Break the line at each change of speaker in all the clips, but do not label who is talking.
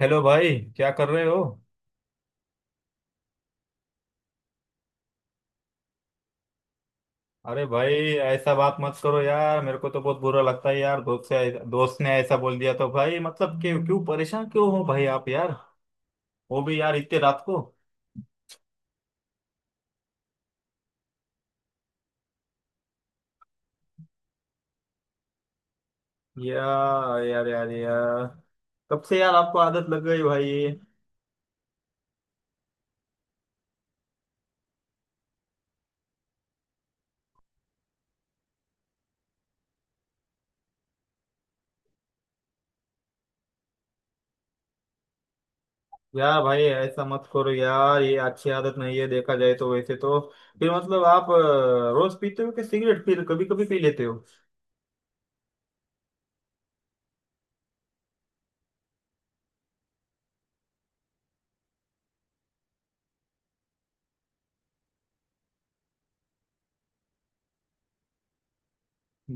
Hello भाई, क्या कर रहे हो। अरे भाई, ऐसा बात मत करो यार, मेरे को तो बहुत बुरा लगता है यार, दोस्त से दोस्त ने ऐसा बोल दिया तो। भाई मतलब कि क्यों परेशान, क्यों हो भाई आप यार? वो भी यार इतने रात को। यार यार यार यार, कब से यार आपको आदत लग गई भाई? यार भाई ऐसा मत करो यार, ये अच्छी आदत नहीं है, देखा जाए तो वैसे तो फिर मतलब आप रोज पीते हो कि सिगरेट, फिर कभी कभी पी लेते हो?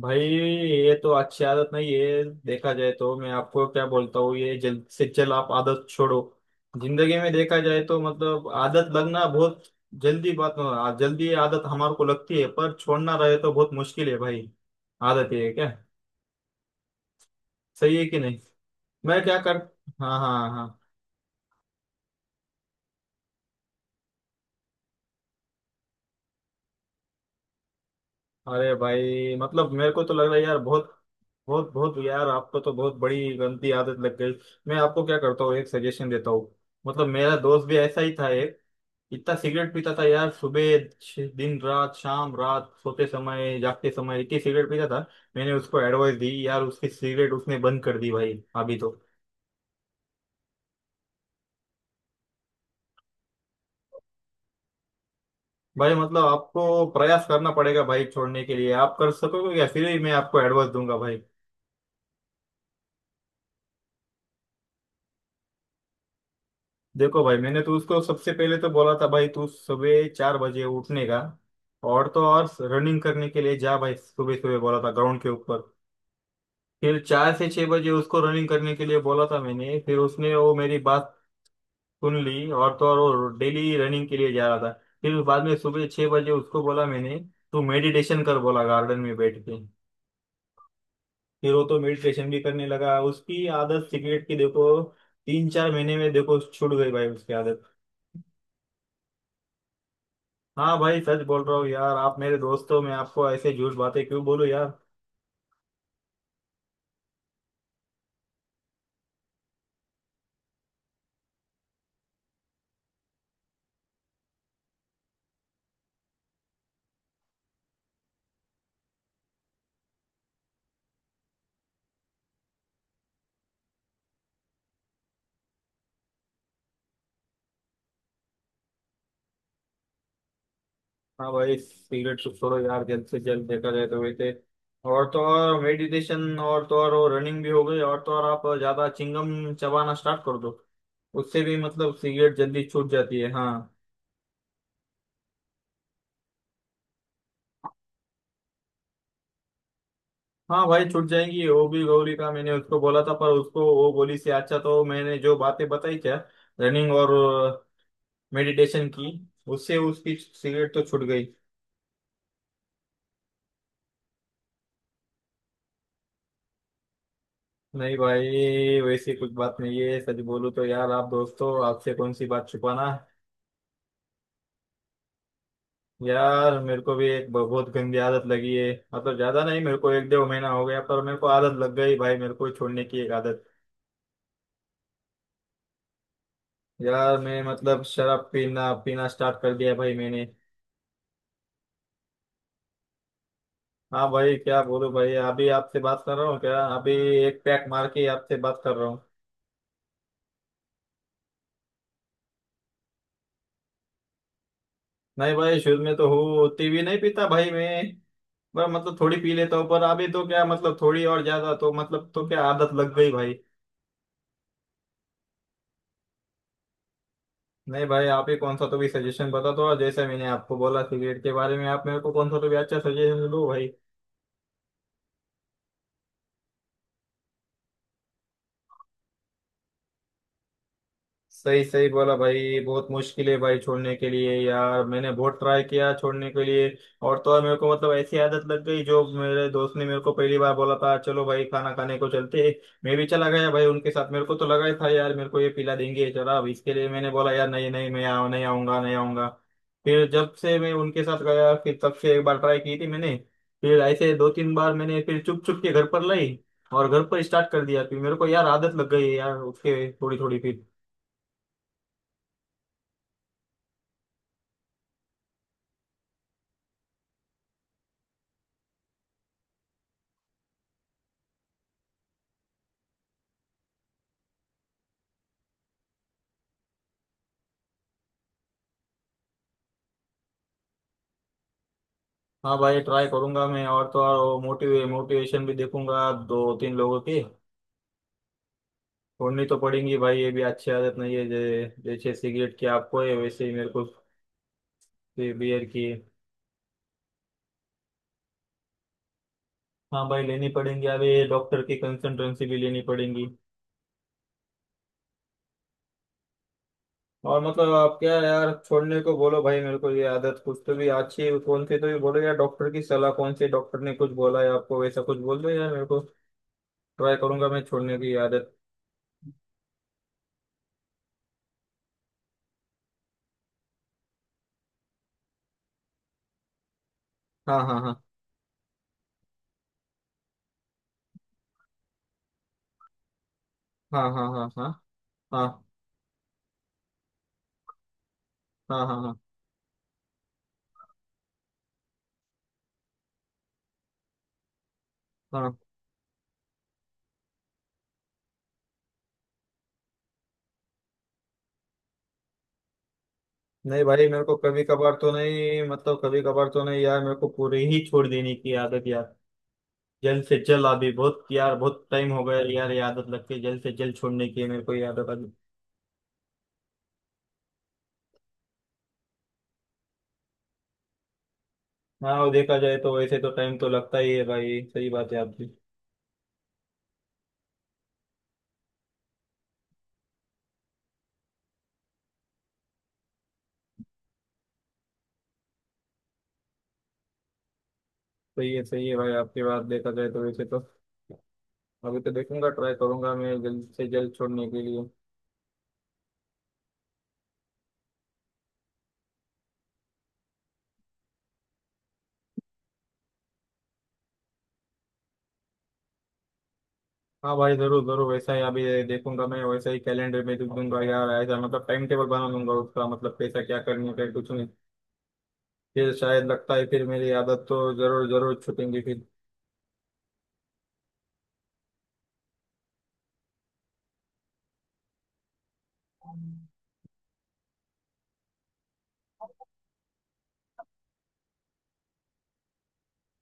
भाई ये तो अच्छी आदत नहीं है, देखा जाए तो। मैं आपको क्या बोलता हूँ, ये जल्द से जल्द आप आदत छोड़ो। जिंदगी में देखा जाए तो मतलब आदत लगना बहुत जल्दी, जल्दी आदत हमारे को लगती है, पर छोड़ना रहे तो बहुत मुश्किल है भाई। आदत ये है क्या? सही है कि नहीं? मैं क्या कर। हाँ हाँ हाँ। अरे भाई मतलब मेरे को तो लग रहा है यार, बहुत बहुत बहुत यार, आपको तो बहुत बड़ी गंदी आदत लग गई। मैं आपको क्या करता हूँ, एक सजेशन देता हूँ। मतलब मेरा दोस्त भी ऐसा ही था एक, इतना सिगरेट पीता था यार, सुबह दिन रात शाम रात, सोते समय जागते समय इतनी सिगरेट पीता था। मैंने उसको एडवाइस दी यार, उसकी सिगरेट उसने बंद कर दी भाई अभी तो। भाई मतलब आपको प्रयास करना पड़ेगा भाई छोड़ने के लिए, आप कर सकोगे क्या, फिर ही मैं आपको एडवाइस दूंगा भाई। देखो भाई, मैंने तो उसको सबसे पहले तो बोला था भाई, तू सुबह चार बजे उठने का, और तो और रनिंग करने के लिए जा भाई, सुबह सुबह बोला था ग्राउंड के ऊपर। फिर चार से छह बजे उसको रनिंग करने के लिए बोला था मैंने, फिर उसने वो मेरी बात सुन ली, और तो और वो डेली रनिंग के लिए जा रहा था। फिर बाद में सुबह छह बजे उसको बोला मैंने, तू मेडिटेशन कर, बोला गार्डन में बैठ के। फिर वो तो मेडिटेशन भी करने लगा, उसकी आदत सिगरेट की देखो तीन चार महीने में देखो छूट गई भाई उसकी आदत। हाँ भाई सच बोल रहा हूँ यार, आप मेरे दोस्त हो, मैं आपको ऐसे झूठ बातें क्यों बोलूँ यार। हाँ भाई, सिगरेट तो छोड़ो यार जल्द से जल्द, देखा जाए तो वैसे, और तो और मेडिटेशन, और तो और रनिंग भी हो गई, और तो और आप ज्यादा चिंगम चबाना स्टार्ट कर दो। उससे भी मतलब सिगरेट जल्दी छूट जाती है, हाँ। हाँ भाई छूट जाएंगी, वो भी गौरी का मैंने उसको बोला था, पर उसको वो बोली से अच्छा तो मैंने जो बातें बताई क्या, रनिंग और मेडिटेशन की, उससे उसकी सिगरेट तो छूट गई। नहीं भाई वैसी कुछ बात नहीं है, सच बोलूं तो यार आप दोस्तों आपसे कौन सी बात छुपाना। यार मेरे को भी एक बहुत गंदी आदत लगी है, मतलब ज्यादा नहीं, मेरे को एक डेढ़ महीना हो गया पर मेरे को आदत लग गई भाई, मेरे को छोड़ने की एक आदत। यार मैं मतलब शराब पीना पीना स्टार्ट कर दिया भाई मैंने। हाँ भाई क्या बोलूं भाई, अभी आपसे बात कर रहा हूँ क्या अभी एक पैक मार के आपसे बात कर रहा हूँ। नहीं भाई, शुरू में तो हूँ, टीवी नहीं पीता भाई मैं, पर मतलब थोड़ी पी लेता हूँ, पर अभी तो क्या मतलब थोड़ी और ज्यादा तो मतलब तो क्या आदत लग गई भाई। नहीं भाई आप ही कौन सा तो भी सजेशन बता दो, और जैसे मैंने आपको बोला सिगरेट के बारे में, आप मेरे को कौन सा तो भी अच्छा सजेशन दो। सही सही बोला भाई, बहुत मुश्किल है भाई छोड़ने के लिए यार, मैंने बहुत ट्राई किया छोड़ने के लिए। और तो और मेरे को मतलब ऐसी आदत लग गई, जो मेरे दोस्त ने मेरे को पहली बार बोला था, "चलो भाई खाना खाने को चलते हैं।" मैं भी चला गया भाई उनके साथ, मेरे को तो लगा ही था यार मेरे को ये पिला देंगे जरा, अब इसके लिए मैंने बोला यार, नहीं नहीं मैं आऊ नहीं आऊंगा, नहीं आऊंगा। फिर जब से मैं उनके साथ गया, फिर तब से एक बार ट्राई की थी मैंने, फिर ऐसे दो तीन बार मैंने, फिर चुप चुप के घर पर लाई और घर पर स्टार्ट कर दिया, फिर मेरे को यार आदत लग गई यार उसके थोड़ी थोड़ी फिर। हाँ भाई ट्राई करूंगा मैं, और तो और मोटिवेशन भी देखूंगा दो तीन लोगों की। छोड़नी तो पड़ेंगी भाई, ये भी अच्छी आदत नहीं है, जैसे सिगरेट की आपको है वैसे ही मेरे को बियर की है। हाँ भाई लेनी पड़ेंगी, अभी डॉक्टर की कंसल्टेंसी भी लेनी पड़ेगी। और मतलब आप क्या यार छोड़ने को बोलो भाई मेरे को, ये आदत कुछ तो भी अच्छी है, कौन सी तो भी बोलो यार, डॉक्टर की सलाह कौन से डॉक्टर ने कुछ बोला है आपको, वैसा कुछ बोल दो यार मेरे को। ट्राई करूंगा मैं छोड़ने की आदत। हाँ हाँ हाँ हाँ हाँ हाँ हाँ हाँ हाँ हाँ हाँ हाँ। नहीं भाई मेरे को कभी कभार तो नहीं, मतलब कभी कभार तो नहीं यार, मेरे को पूरी ही छोड़ देने की आदत यार, जल्द से जल्द, अभी बहुत यार बहुत टाइम हो गया यार, ये आदत लग के जल्द से जल्द छोड़ने की है मेरे को ये आदत अभी। हाँ, वो देखा जाए तो वैसे तो टाइम तो लगता ही है भाई, सही बात है आपकी। सही है, सही है भाई, आपकी बात देखा जाए तो वैसे तो। अभी तो देखूंगा, ट्राई करूंगा मैं जल्द से जल्द छोड़ने के लिए। हाँ भाई जरूर जरूर, वैसा ही अभी देखूंगा मैं, वैसा ही कैलेंडर में लिख दूंगा यार, ऐसा मतलब टाइम टेबल बना लूंगा उसका, मतलब पैसा क्या करने का कुछ नहीं, फिर शायद लगता है फिर मेरी आदत तो जरूर जरूर छूटेंगी फिर।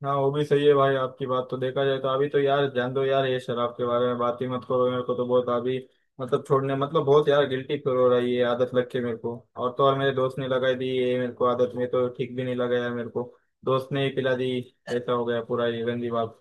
हाँ वो भी सही है भाई, आपकी बात तो देखा जाए तो। अभी तो यार जान दो यार, ये शराब के बारे में बात ही मत करो, मेरे को तो बहुत अभी मतलब छोड़ने मतलब बहुत यार गिल्टी फील हो रही है ये आदत लग के मेरे को, और तो और मेरे दोस्त ने लगाई दी ये मेरे को आदत, में तो ठीक भी नहीं लगा यार मेरे को, दोस्त ने ही पिला दी, ऐसा हो गया पूरा ये गंदी बात।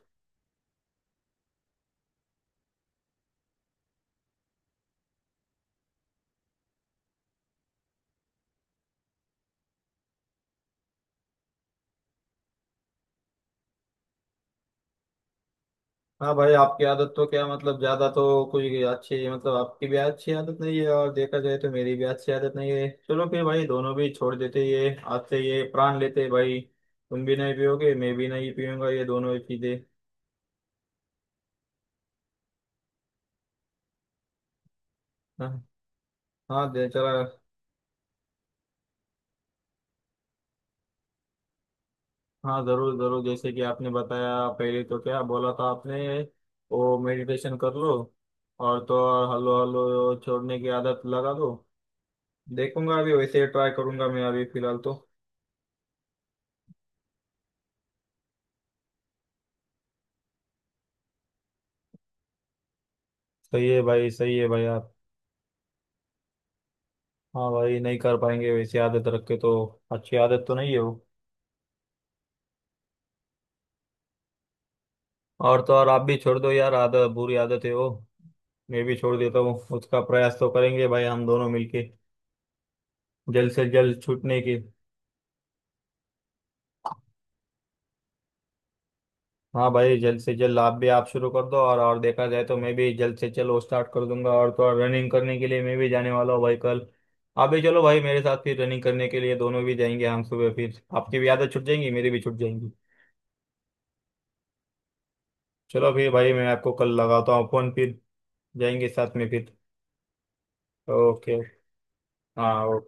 हाँ भाई आपकी आदत तो क्या मतलब ज्यादा तो कोई अच्छी, मतलब आपकी भी अच्छी आदत नहीं है, और देखा जाए तो मेरी भी अच्छी आदत नहीं है, चलो फिर भाई दोनों भी छोड़ देते ये आज से, ये प्राण लेते हैं भाई, तुम भी नहीं पियोगे मैं भी नहीं पीऊंगा ये दोनों ही चीजें। हाँ। हाँ दे चला। हाँ जरूर जरूर, जैसे कि आपने बताया पहले तो, क्या बोला था आपने, वो मेडिटेशन कर लो, और तो और हल्लो हल्लो छोड़ने की आदत लगा दो। देखूंगा अभी, वैसे ट्राई करूंगा मैं अभी फिलहाल तो। सही है भाई, सही है भाई। हाँ भाई नहीं कर पाएंगे वैसी आदत रख के तो, अच्छी आदत तो नहीं है वो। और तो और आप भी छोड़ दो यार, आदत बुरी आदत है वो, मैं भी छोड़ देता हूँ, उसका प्रयास तो करेंगे भाई हम दोनों मिलके। जल्द से जल्द छूटने की। हाँ भाई जल्द से जल्द आप भी, आप शुरू कर दो, और देखा जाए तो मैं भी जल्द से जल्द वो स्टार्ट कर दूंगा, और तो और रनिंग करने के लिए मैं भी जाने वाला हूँ भाई कल, आप भी चलो भाई मेरे साथ फिर रनिंग करने के लिए, दोनों भी जाएंगे हम सुबह, फिर आपकी भी आदत छूट जाएंगी मेरी भी छूट जाएंगी। चलो फिर भाई, मैं आपको कल लगाता हूँ फोन, फिर जाएंगे साथ में फिर। ओके। हाँ।